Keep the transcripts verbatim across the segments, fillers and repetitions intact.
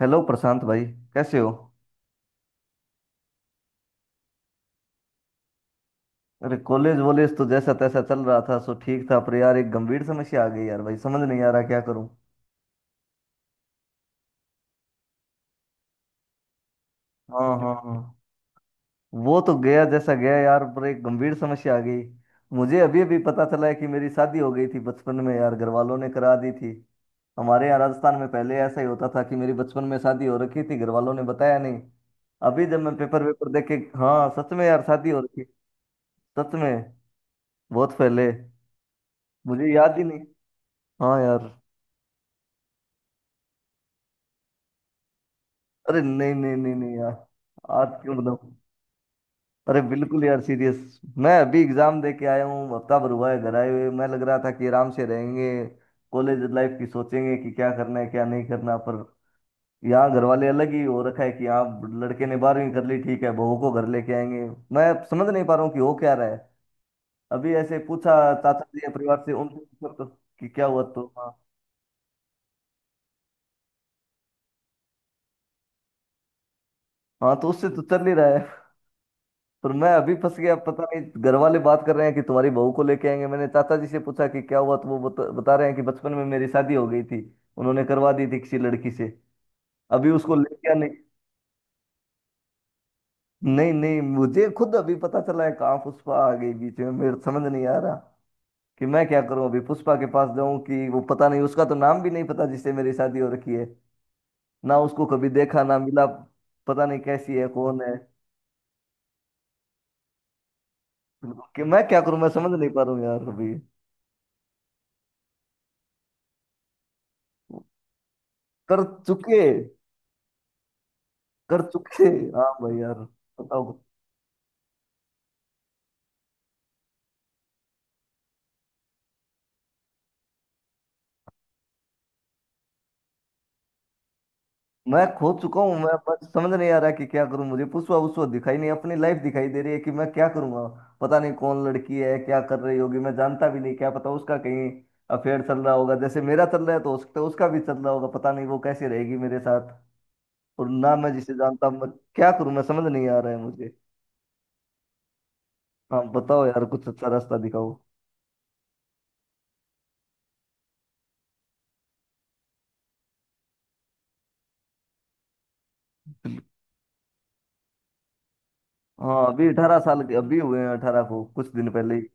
Hello Prashant भाई। कैसे हो? अरे कॉलेज वॉलेज तो जैसा तैसा चल रहा था सो ठीक था, पर यार एक गंभीर समस्या आ गई। यार भाई समझ नहीं आ रहा क्या करूं। हाँ हाँ हाँ। वो तो गया जैसा गया यार, पर एक गंभीर समस्या आ गई। मुझे अभी अभी पता चला है कि मेरी शादी हो गई थी बचपन में, यार घर वालों ने करा दी थी। हमारे यहाँ राजस्थान में पहले ऐसा ही होता था कि मेरी बचपन में शादी हो रखी थी, घर वालों ने बताया नहीं। अभी जब मैं पेपर वेपर देख के, हाँ सच में यार शादी हो रखी। सच में। बहुत पहले। मुझे याद ही नहीं। हाँ यार। अरे नहीं नहीं नहीं नहीं यार। आज क्यों बताऊं? अरे बिल्कुल यार सीरियस। मैं अभी एग्जाम दे के आया हूँ, हफ्ता भर हुआ है घर आए हुए। मैं लग रहा था कि आराम से रहेंगे, कॉलेज लाइफ की सोचेंगे कि क्या करना है क्या नहीं करना। पर यहाँ घर वाले अलग ही हो रखा है कि आप लड़के ने बारहवीं कर ली ठीक है बहू को घर लेके आएंगे। मैं समझ नहीं पा रहा हूँ कि हो क्या रहा है। अभी ऐसे पूछा चाचा जी या परिवार से, उनसे पूछा तो कि क्या हुआ तो हाँ। हाँ तो उससे तो चल ही रहा है। पर मैं अभी फंस गया, पता नहीं घर वाले बात कर रहे हैं कि तुम्हारी बहू को लेके आएंगे। मैंने चाचा जी से पूछा कि क्या हुआ तो वो बता, बता रहे हैं कि बचपन में मेरी शादी हो गई थी, उन्होंने करवा दी थी किसी लड़की से, अभी उसको लेके आने। नहीं नहीं मुझे खुद अभी पता चला है, कहाँ पुष्पा आ गई बीच में, मेरे समझ नहीं आ रहा कि मैं क्या करूं। अभी पुष्पा के पास जाऊं कि वो पता नहीं, उसका तो नाम भी नहीं पता जिससे मेरी शादी हो रखी है। ना उसको कभी देखा ना मिला, पता नहीं कैसी है कौन है। कि मैं क्या करूं, मैं समझ नहीं पा रहा हूं यार अभी। कर चुके। कर चुके। हाँ भाई यार। बताओ। मैं खो चुका हूँ, मैं बस समझ नहीं आ रहा कि क्या करूँ। मुझे पुसवा उसवा दिखाई नहीं, अपनी लाइफ दिखाई दे रही है कि मैं क्या करूँगा। पता नहीं कौन लड़की है क्या कर रही होगी, मैं जानता भी नहीं। क्या पता उसका कहीं अफेयर चल रहा होगा जैसे मेरा चल रहा है, तो हो सकता है उसका भी चल रहा होगा, पता नहीं वो कैसे रहेगी मेरे साथ। और ना मैं जिसे जानता, मैं क्या करूँ मैं समझ नहीं आ रहा है मुझे। हाँ बताओ यार कुछ अच्छा रास्ता दिखाओ। हाँ अभी अठारह साल के अभी हुए हैं, अठारह को कुछ दिन पहले ही।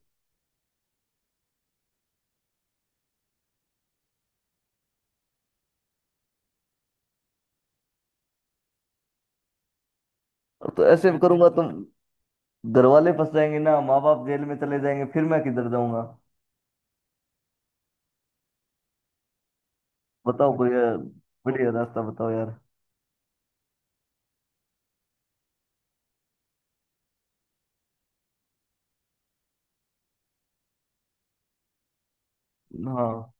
तो ऐसे करूंगा तो घर वाले फंस जाएंगे ना, माँ बाप जेल में चले जाएंगे, फिर मैं किधर जाऊंगा। बताओ कोई अ, बढ़िया रास्ता बताओ यार। हाँ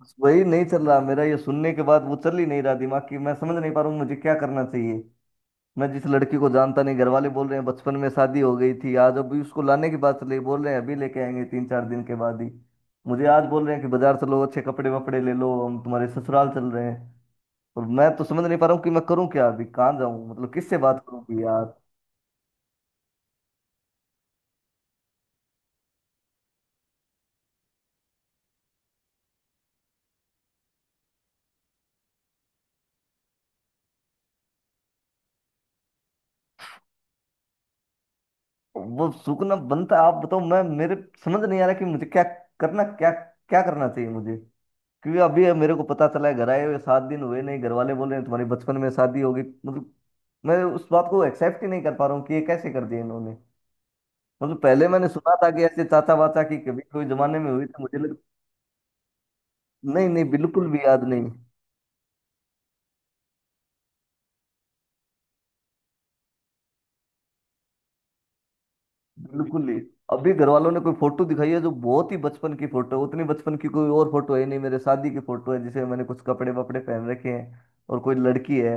बस वही नहीं चल रहा मेरा, ये सुनने के बाद वो चल ही नहीं रहा दिमाग की, मैं समझ नहीं पा रहा हूँ मुझे क्या करना चाहिए। मैं जिस लड़की को जानता नहीं, घर वाले बोल रहे हैं बचपन में शादी हो गई थी, आज अभी उसको लाने की बात चल रही है, बोल रहे हैं अभी लेके आएंगे तीन चार दिन के बाद ही। मुझे आज बोल रहे हैं कि बाजार चलो अच्छे कपड़े वपड़े ले लो, हम तुम्हारे ससुराल चल रहे हैं। और मैं तो समझ नहीं पा रहा हूँ कि मैं करूँ क्या, अभी कहाँ जाऊँ मतलब किससे बात करूँ यार। वो सूखना बनता है, आप बताओ। मैं मेरे समझ नहीं आ रहा कि मुझे क्या करना, क्या क्या करना चाहिए मुझे। क्योंकि अभी मेरे को पता चला है घर आए हुए सात दिन हुए नहीं, घर वाले बोले तुम्हारी बचपन में शादी होगी मतलब। मैं उस बात को एक्सेप्ट ही नहीं कर पा रहा हूँ कि ये कैसे कर दिया इन्होंने। मतलब पहले मैंने सुना था कि ऐसे चाचा वाचा की कभी कोई जमाने में हुई, तो मुझे लग... नहीं नहीं बिल्कुल भी याद नहीं। बिल्कुल ही। अभी घर वालों ने कोई फोटो दिखाई है जो बहुत ही बचपन की फोटो है, उतनी बचपन की कोई और फोटो है नहीं, मेरे शादी की फोटो है, जिसे मैंने कुछ कपड़े वपड़े पहन रखे हैं। और कोई लड़की है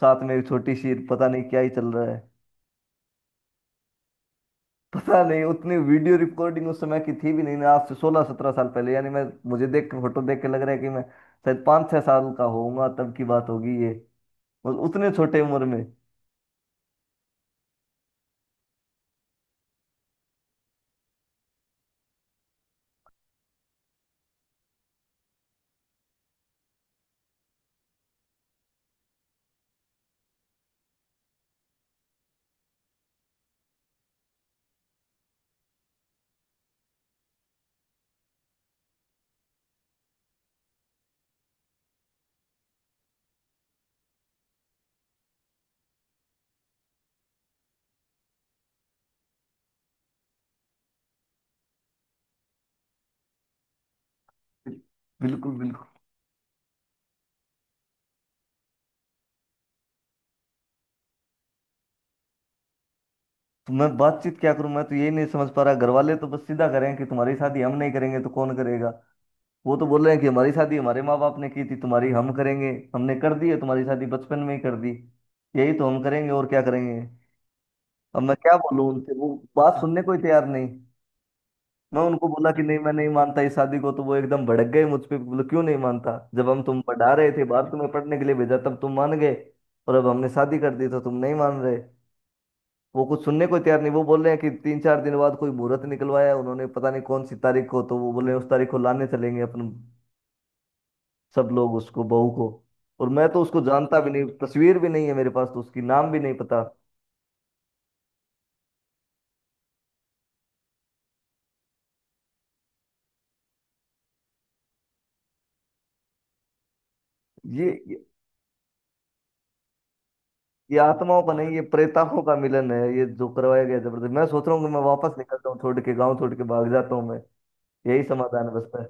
साथ में एक छोटी सी, पता नहीं क्या ही चल रहा है। पता नहीं उतनी वीडियो रिकॉर्डिंग उस समय की थी भी नहीं ना, आज से सोलह सत्रह साल पहले यानी मैं, मुझे देख के फोटो देख के लग रहा है कि मैं शायद पाँच छह साल का होऊंगा तब की बात होगी ये। और उतने छोटे उम्र में। बिल्कुल बिल्कुल। तो मैं बातचीत क्या करूं, मैं तो यही नहीं समझ पा रहा। घर वाले तो बस सीधा करें कि तुम्हारी शादी हम नहीं करेंगे तो कौन करेगा। वो तो बोल रहे हैं कि हमारी शादी हमारे माँ बाप ने की थी, तुम्हारी हम करेंगे। हमने कर दी है तुम्हारी शादी बचपन में ही कर दी, यही तो हम करेंगे और क्या करेंगे। अब मैं क्या बोलूं उनसे, वो बात सुनने को ही तैयार नहीं। मैं उनको बोला कि नहीं मैं नहीं मानता इस शादी को, तो वो एकदम भड़क गए मुझ पे, बोले क्यों नहीं मानता जब हम तुम पढ़ा रहे थे बाहर तुम्हें पढ़ने के लिए भेजा तब तुम मान गए, और अब हमने शादी कर दी तो तुम नहीं मान रहे। वो कुछ सुनने को तैयार नहीं, वो बोल रहे हैं कि तीन चार दिन बाद कोई मुहूर्त निकलवाया है उन्होंने, पता नहीं कौन सी तारीख को, तो वो बोल रहे हैं उस तारीख को लाने चलेंगे अपन सब लोग उसको, बहू को। और मैं तो उसको जानता भी नहीं, तस्वीर भी नहीं है मेरे पास तो, उसकी नाम भी नहीं पता। ये ये, ये आत्माओं का नहीं, ये प्रेतात्माओं का मिलन है ये जो करवाया गया जबरदस्त। मैं सोच रहा हूँ कि मैं वापस निकलता हूँ, छोड़ के गाँव छोड़ के भाग जाता हूँ मैं। यही समाधान बचता है।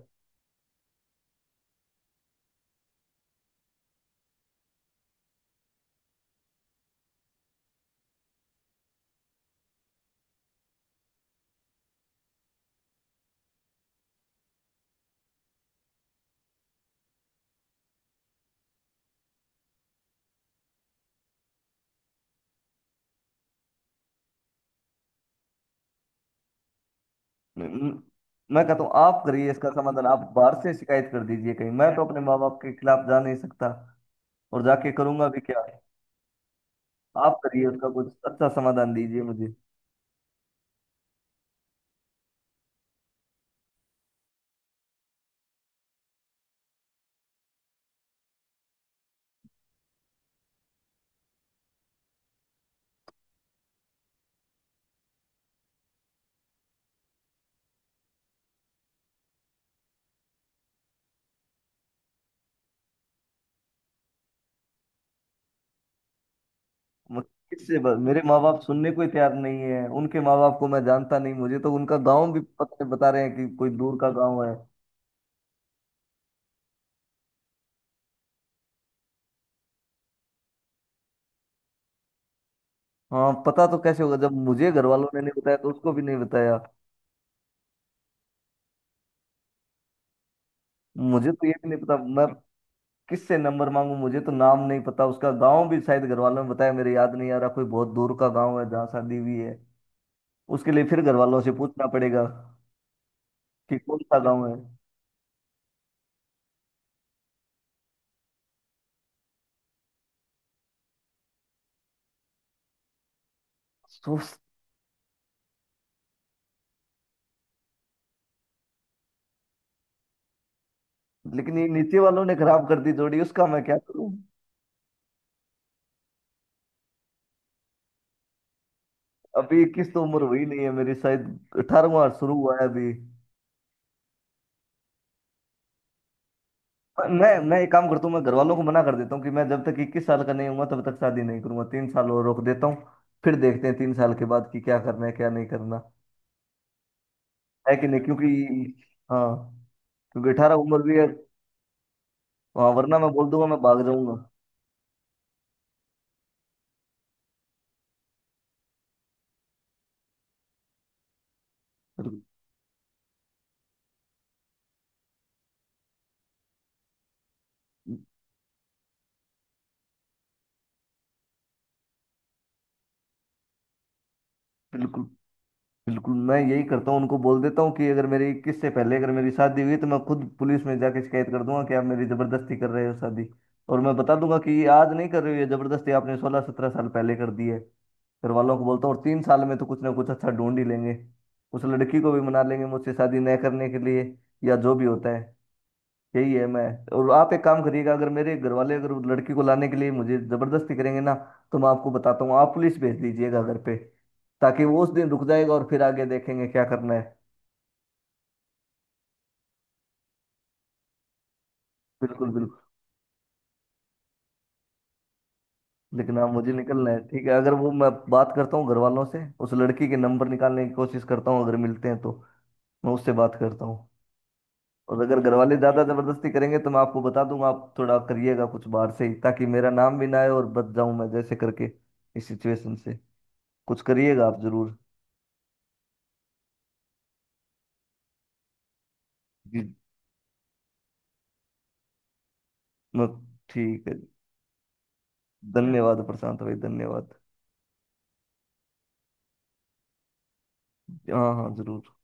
न- मैं कहता हूँ आप करिए इसका समाधान, आप बाहर से शिकायत कर दीजिए कहीं, मैं तो अपने माँ बाप के खिलाफ जा नहीं सकता। और जाके करूंगा भी क्या। आप करिए उसका कुछ अच्छा समाधान दीजिए मुझे। मुझे किससे ब- मेरे माँ बाप सुनने को ही तैयार नहीं है, उनके माँ बाप को मैं जानता नहीं, मुझे तो उनका गांव भी पता बता रहे हैं कि कोई दूर का गांव है। हाँ पता तो कैसे होगा, जब मुझे घर वालों ने नहीं बताया तो उसको भी नहीं बताया। मुझे तो ये भी नहीं पता मैं किससे नंबर मांगू, मुझे तो नाम नहीं पता, उसका गांव भी शायद घर वालों ने बताया, मेरे याद नहीं आ रहा, कोई बहुत दूर का गांव है जहाँ शादी हुई है। उसके लिए फिर घर वालों से पूछना पड़ेगा कि कौन सा गांव है। सोच। लेकिन ये नीचे वालों ने खराब कर दी जोड़ी, उसका मैं क्या करूं। अभी इक्कीस तो उम्र हुई नहीं है मेरी, शायद अठारहवां शुरू हुआ है अभी। मैं मैं एक काम करता हूँ, मैं घर वालों को मना कर देता हूँ कि मैं जब तक इक्कीस साल का नहीं हूँ तब तक शादी नहीं करूंगा, तीन साल और रोक देता हूँ। फिर देखते हैं तीन साल के बाद कि क्या करना है क्या नहीं करना, है कि नहीं? क्योंकि हाँ, क्योंकि अठारह उम्र भी है। हाँ वरना मैं बोल दूंगा मैं भाग जाऊंगा। बिल्कुल बिल्कुल। बिल्कुल मैं यही करता हूँ उनको बोल देता हूँ कि अगर मेरी इक्कीस से पहले अगर मेरी शादी हुई तो मैं खुद पुलिस में जाके शिकायत कर दूंगा कि आप मेरी जबरदस्ती कर रहे हो शादी। और मैं बता दूंगा कि ये आज नहीं कर रही हो, ये जबरदस्ती आपने सोलह सत्रह साल पहले कर दी है। घर वालों को बोलता हूँ, और तीन साल में तो कुछ ना कुछ अच्छा ढूंढ ही लेंगे, उस लड़की को भी मना लेंगे मुझसे शादी न करने के लिए, या जो भी होता है। यही है मैं। और आप एक काम करिएगा, अगर मेरे घर वाले अगर उस लड़की को लाने के लिए मुझे जबरदस्ती करेंगे ना, तो मैं आपको बताता हूँ आप पुलिस भेज दीजिएगा घर पे, ताकि वो उस दिन रुक जाएगा और फिर आगे देखेंगे क्या करना है। बिल्कुल बिल्कुल। लेकिन आप, मुझे निकलना है ठीक है? अगर वो, मैं बात करता हूँ घर वालों से, उस लड़की के नंबर निकालने की कोशिश करता हूँ अगर मिलते हैं तो मैं उससे बात करता हूँ। और अगर घर वाले ज्यादा जबरदस्ती करेंगे तो मैं आपको बता दूंगा, आप थोड़ा करिएगा कुछ बाहर से ही, ताकि मेरा नाम भी ना आए और बच जाऊं मैं जैसे करके इस सिचुएशन से। कुछ करिएगा आप जरूर। जी। मत- ठीक है। धन्यवाद प्रशांत भाई, धन्यवाद। हाँ हाँ जरूर।